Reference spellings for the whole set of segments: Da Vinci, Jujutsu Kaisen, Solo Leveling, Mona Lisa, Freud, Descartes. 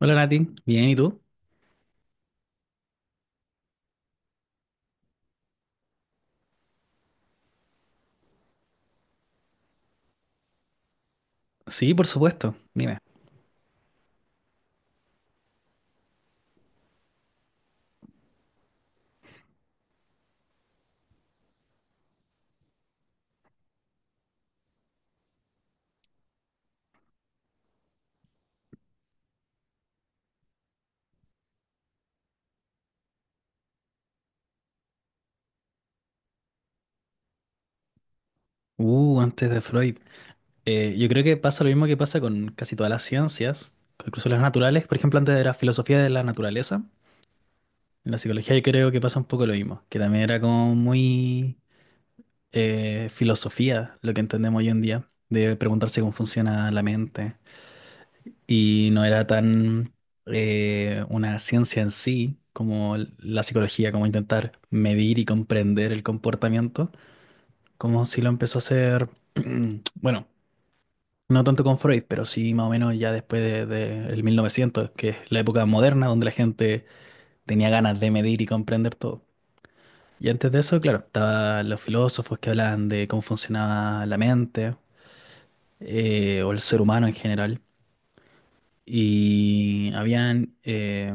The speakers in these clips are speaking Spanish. Hola Nati, bien, ¿y tú? Sí, por supuesto, dime. Antes de Freud. Yo creo que pasa lo mismo que pasa con casi todas las ciencias, con incluso las naturales, por ejemplo, antes de la filosofía de la naturaleza. En la psicología yo creo que pasa un poco lo mismo, que también era como muy filosofía lo que entendemos hoy en día, de preguntarse cómo funciona la mente. Y no era tan una ciencia en sí como la psicología, como intentar medir y comprender el comportamiento como si lo empezó a hacer, bueno, no tanto con Freud, pero sí más o menos ya después de el 1900, que es la época moderna donde la gente tenía ganas de medir y comprender todo. Y antes de eso, claro, estaban los filósofos que hablaban de cómo funcionaba la mente o el ser humano en general. Y habían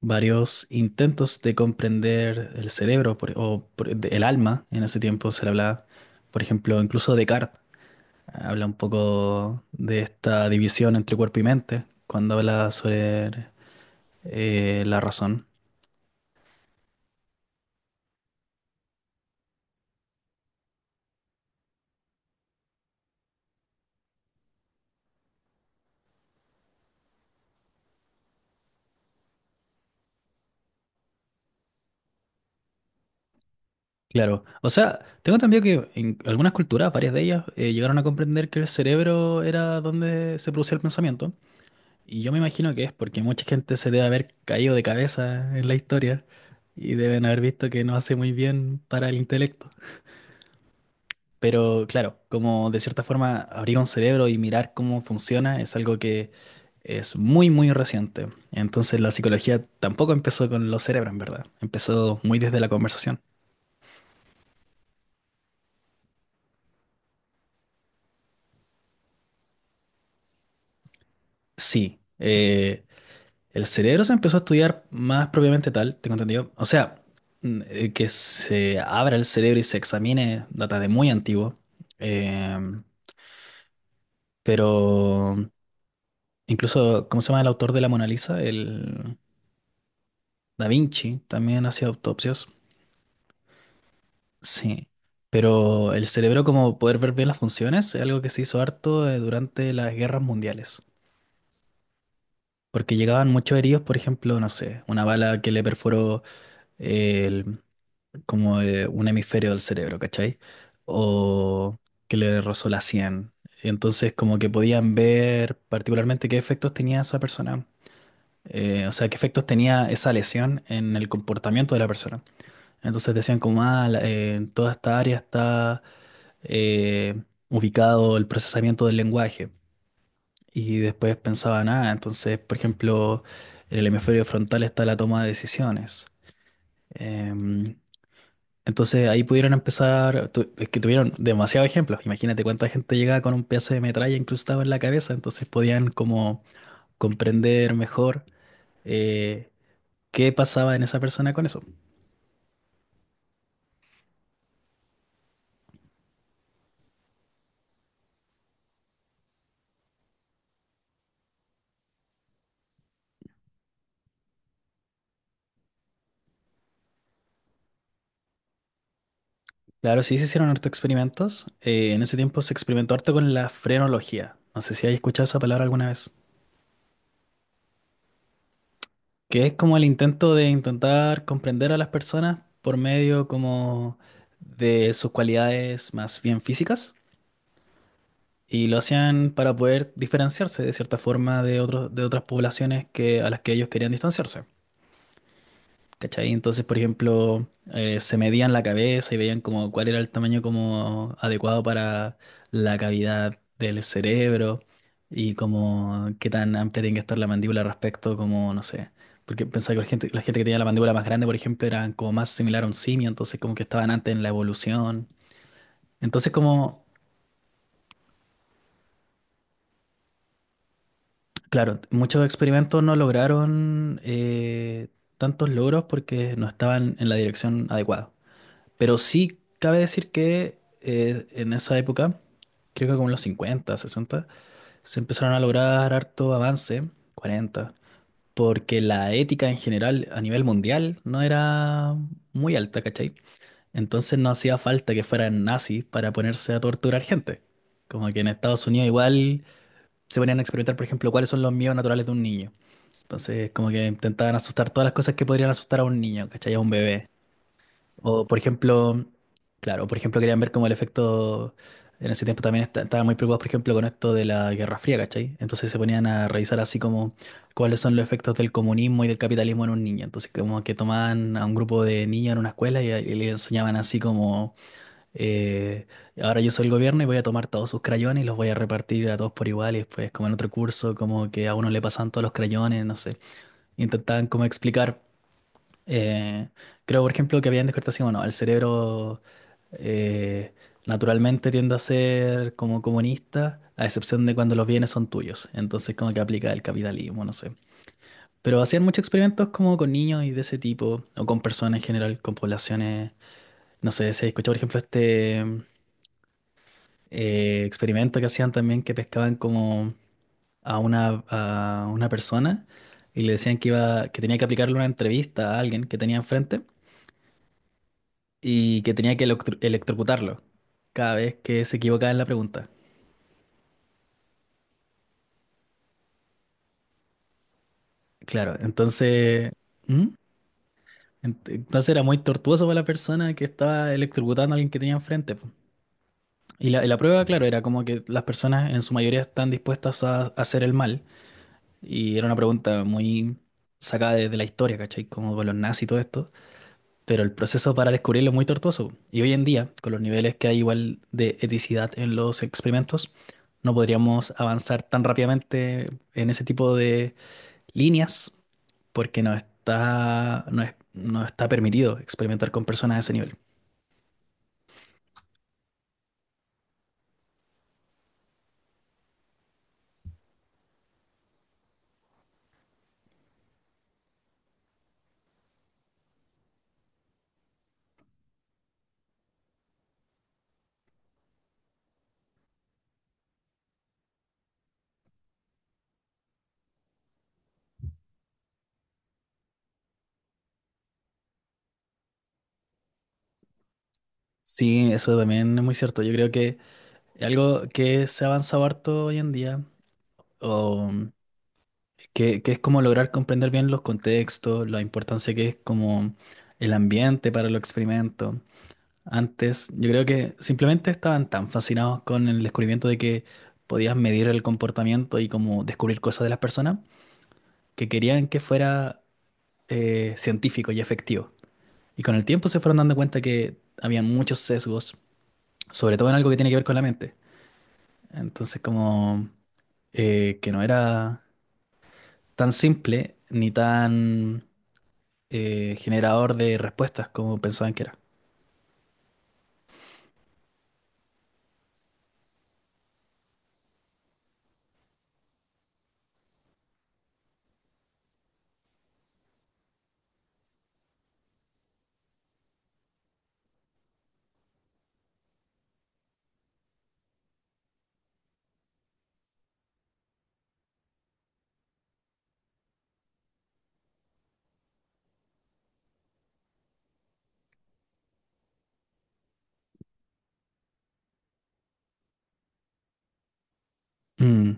varios intentos de comprender el cerebro el alma en ese tiempo se le hablaba, por ejemplo, incluso Descartes habla un poco de esta división entre cuerpo y mente cuando habla sobre la razón. Claro, o sea, tengo entendido que en algunas culturas, varias de ellas, llegaron a comprender que el cerebro era donde se producía el pensamiento. Y yo me imagino que es porque mucha gente se debe haber caído de cabeza en la historia y deben haber visto que no hace muy bien para el intelecto. Pero claro, como de cierta forma abrir un cerebro y mirar cómo funciona es algo que es muy, muy reciente. Entonces la psicología tampoco empezó con los cerebros, en verdad. Empezó muy desde la conversación. Sí, el cerebro se empezó a estudiar más propiamente tal, tengo entendido. O sea, que se abra el cerebro y se examine data de muy antiguo. Em, pero incluso, ¿cómo se llama el autor de la Mona Lisa? El Da Vinci también hacía autopsias. Sí, pero el cerebro como poder ver bien las funciones es algo que se hizo harto durante las guerras mundiales, porque llegaban muchos heridos, por ejemplo, no sé, una bala que le perforó el- como un hemisferio del cerebro, ¿cachai? O que le rozó la sien. Entonces como que podían ver particularmente qué efectos tenía esa persona, o sea, qué efectos tenía esa lesión en el comportamiento de la persona. Entonces decían como, ah, en toda esta área está eh, ubicado el procesamiento del lenguaje. Y después pensaban, ah, entonces, por ejemplo, en el hemisferio frontal está la toma de decisiones. Em, entonces ahí pudieron empezar, es que tuvieron demasiados ejemplos. Imagínate cuánta gente llegaba con un pedazo de metralla incrustado en la cabeza, entonces podían como comprender mejor eh, qué pasaba en esa persona con eso. Claro, sí se hicieron harto experimentos. En ese tiempo se experimentó harto con la frenología. No sé si hay escuchado esa palabra alguna vez. Que es como el intento de intentar comprender a las personas por medio como de sus cualidades más bien físicas. Y lo hacían para poder diferenciarse de cierta forma de otros, de otras poblaciones que, a las que ellos querían distanciarse. ¿Cachai? Entonces, por ejemplo, se medían la cabeza y veían como cuál era el tamaño como adecuado para la cavidad del cerebro y como qué tan amplia tiene que estar la mandíbula respecto como, no sé, porque pensaba que la gente que tenía la mandíbula más grande, por ejemplo, eran como más similar a un simio, entonces como que estaban antes en la evolución. Entonces como, claro, muchos experimentos no lograron tantos logros porque no estaban en la dirección adecuada. Pero sí cabe decir que en esa época, creo que como en los 50 60 se empezaron a lograr harto avance, 40 porque la ética en general a nivel mundial no era muy alta, ¿cachai? Entonces no hacía falta que fueran nazis para ponerse a torturar gente. Como que en Estados Unidos igual se ponían a experimentar, por ejemplo, cuáles son los miedos naturales de un niño. Entonces como que intentaban asustar todas las cosas que podrían asustar a un niño, ¿cachai? A un bebé. O por ejemplo, claro, por ejemplo querían ver como el efecto, en ese tiempo también estaban muy preocupados, por ejemplo, con esto de la Guerra Fría, ¿cachai? Entonces se ponían a revisar así como cuáles son los efectos del comunismo y del capitalismo en un niño. Entonces como que tomaban a un grupo de niños en una escuela y le enseñaban así como, eh, ahora yo soy el gobierno y voy a tomar todos sus crayones y los voy a repartir a todos por igual y después como en otro curso, como que a uno le pasan todos los crayones, no sé. Intentaban como explicar. Eh, creo, por ejemplo, que habían descubierto así, bueno, el cerebro eh, naturalmente tiende a ser como comunista, a excepción de cuando los bienes son tuyos. Entonces, como que aplica el capitalismo, no sé. Pero hacían muchos experimentos como con niños y de ese tipo, o con personas en general, con poblaciones. No sé, se escuchó, por ejemplo, este experimento que hacían también que pescaban como a una persona y le decían que iba, que tenía que aplicarle una entrevista a alguien que tenía enfrente. Y que tenía que electrocutarlo cada vez que se equivocaba en la pregunta. Claro, entonces, ¿mm? Entonces era muy tortuoso para la persona que estaba electrocutando a alguien que tenía enfrente, po. Y la prueba, claro, era como que las personas en su mayoría están dispuestas a hacer el mal. Y era una pregunta muy sacada de la historia, ¿cachai? Como de los nazis y todo esto. Pero el proceso para descubrirlo es muy tortuoso. Y hoy en día, con los niveles que hay igual de eticidad en los experimentos, no podríamos avanzar tan rápidamente en ese tipo de líneas porque no está, no está permitido experimentar con personas a ese nivel. Sí, eso también es muy cierto. Yo creo que algo que se ha avanzado harto hoy en día, o que es como lograr comprender bien los contextos, la importancia que es como el ambiente para los experimentos. Antes, yo creo que simplemente estaban tan fascinados con el descubrimiento de que podías medir el comportamiento y como descubrir cosas de las personas que querían que fuera científico y efectivo. Y con el tiempo se fueron dando cuenta que habían muchos sesgos, sobre todo en algo que tiene que ver con la mente. Entonces, como que no era tan simple ni tan generador de respuestas como pensaban que era. Mm.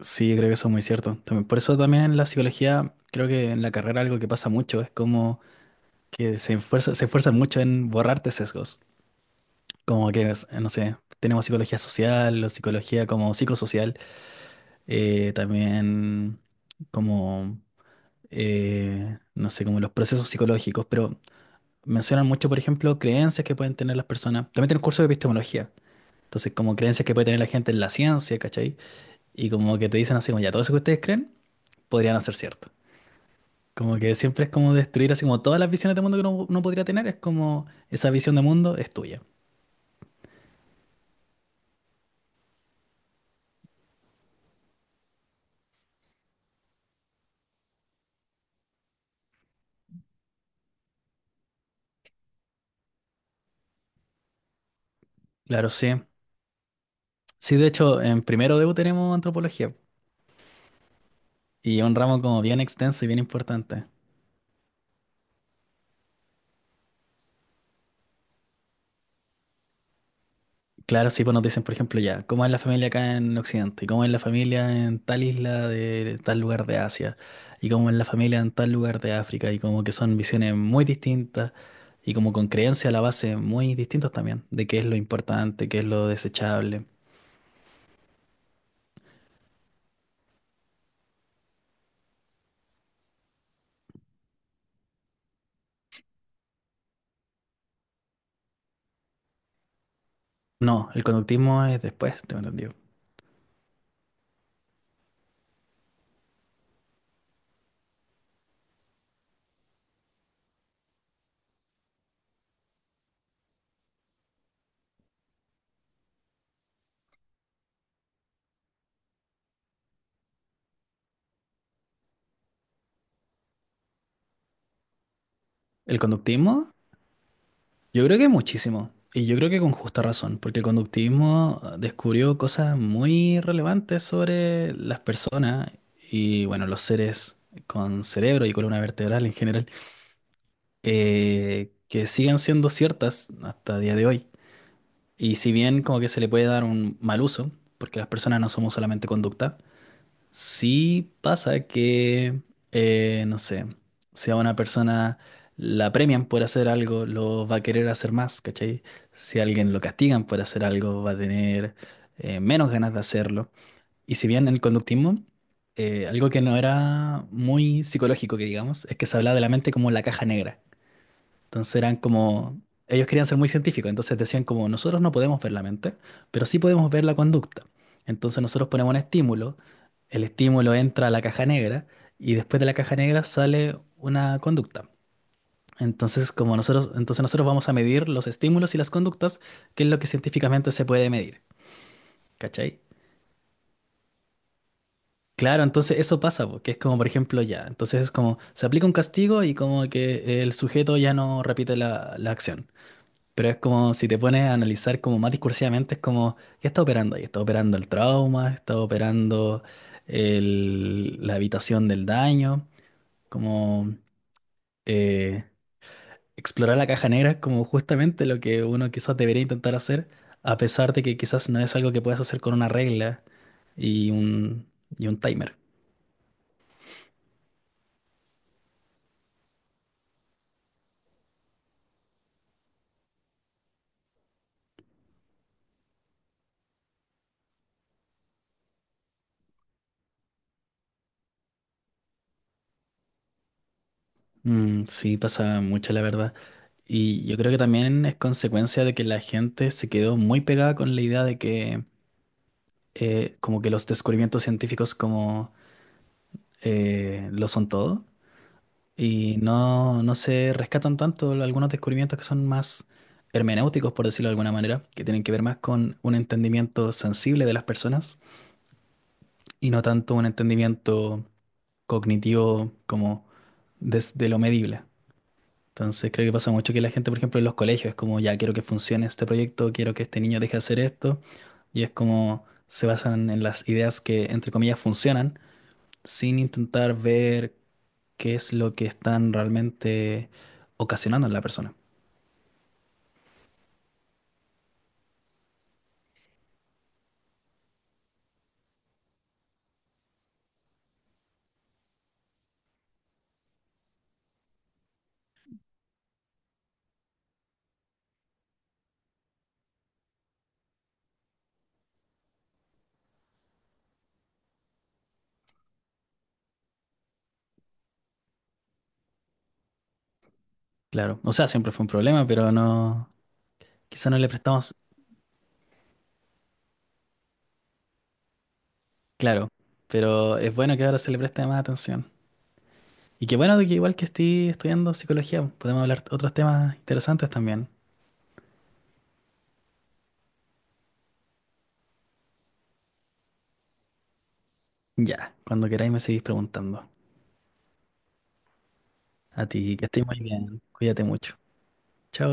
Sí, creo que eso es muy cierto. También, por eso también en la psicología, creo que en la carrera algo que pasa mucho es como que se esfuerzan mucho en borrarte sesgos. Como que, no sé, tenemos psicología social o psicología como psicosocial, también como, no sé, como los procesos psicológicos, pero mencionan mucho, por ejemplo, creencias que pueden tener las personas. También tienen curso de epistemología. Entonces, como creencias que puede tener la gente en la ciencia, ¿cachai? Y como que te dicen así, como ya, todo eso que ustedes creen podría no ser cierto. Como que siempre es como destruir así como todas las visiones de mundo que uno podría tener, es como esa visión de mundo es tuya. Claro, sí. Sí, de hecho, en primero de U tenemos antropología y es un ramo como bien extenso y bien importante. Claro, sí, pues nos dicen, por ejemplo, ya, ¿cómo es la familia acá en Occidente? ¿Cómo es la familia en tal isla de tal lugar de Asia? ¿Y cómo es la familia en tal lugar de África? Y como que son visiones muy distintas y como con creencias a la base muy distintas también, de qué es lo importante, qué es lo desechable. No, el conductismo es después, tengo entendido. El conductismo, yo creo que muchísimo. Y yo creo que con justa razón, porque el conductismo descubrió cosas muy relevantes sobre las personas y, bueno, los seres con cerebro y columna vertebral en general, que siguen siendo ciertas hasta día de hoy. Y si bien como que se le puede dar un mal uso, porque las personas no somos solamente conducta. Sí pasa que, no sé, si a una persona la premian por hacer algo, lo va a querer hacer más, ¿cachai? Si a alguien lo castigan por hacer algo, va a tener menos ganas de hacerlo. Y si bien el conductismo, algo que no era muy psicológico, que digamos, es que se hablaba de la mente como la caja negra. Entonces eran como, ellos querían ser muy científicos, entonces decían como, nosotros no podemos ver la mente, pero sí podemos ver la conducta. Entonces nosotros ponemos un estímulo, el estímulo entra a la caja negra y después de la caja negra sale una conducta. Entonces, como nosotros, entonces nosotros vamos a medir los estímulos y las conductas, que es lo que científicamente se puede medir, ¿cachai? Claro, entonces eso pasa, porque es como, por ejemplo, ya, entonces es como, se aplica un castigo y como que el sujeto ya no repite la acción. Pero es como si te pones a analizar como más discursivamente, es como, ¿qué está operando ahí? ¿Está operando el trauma? ¿Está operando la evitación del daño? Como eh, explorar la caja negra es como justamente lo que uno quizás debería intentar hacer, a pesar de que quizás no es algo que puedas hacer con una regla y un, timer. Mm, sí, pasa mucho, la verdad. Y yo creo que también es consecuencia de que la gente se quedó muy pegada con la idea de que como que los descubrimientos científicos como lo son todo y no, no se rescatan tanto algunos descubrimientos que son más hermenéuticos, por decirlo de alguna manera, que tienen que ver más con un entendimiento sensible de las personas y no tanto un entendimiento cognitivo como desde lo medible. Entonces creo que pasa mucho que la gente, por ejemplo, en los colegios es como, ya quiero que funcione este proyecto, quiero que este niño deje de hacer esto, y es como se basan en las ideas que, entre comillas, funcionan sin intentar ver qué es lo que están realmente ocasionando en la persona. Claro, o sea, siempre fue un problema, pero no, quizá no le prestamos, claro, pero es bueno que ahora se le preste más atención. Y qué bueno de que igual que estoy estudiando psicología, podemos hablar otros temas interesantes también. Ya, cuando queráis me seguís preguntando. A ti, que estés muy bien, cuídate mucho. Chao.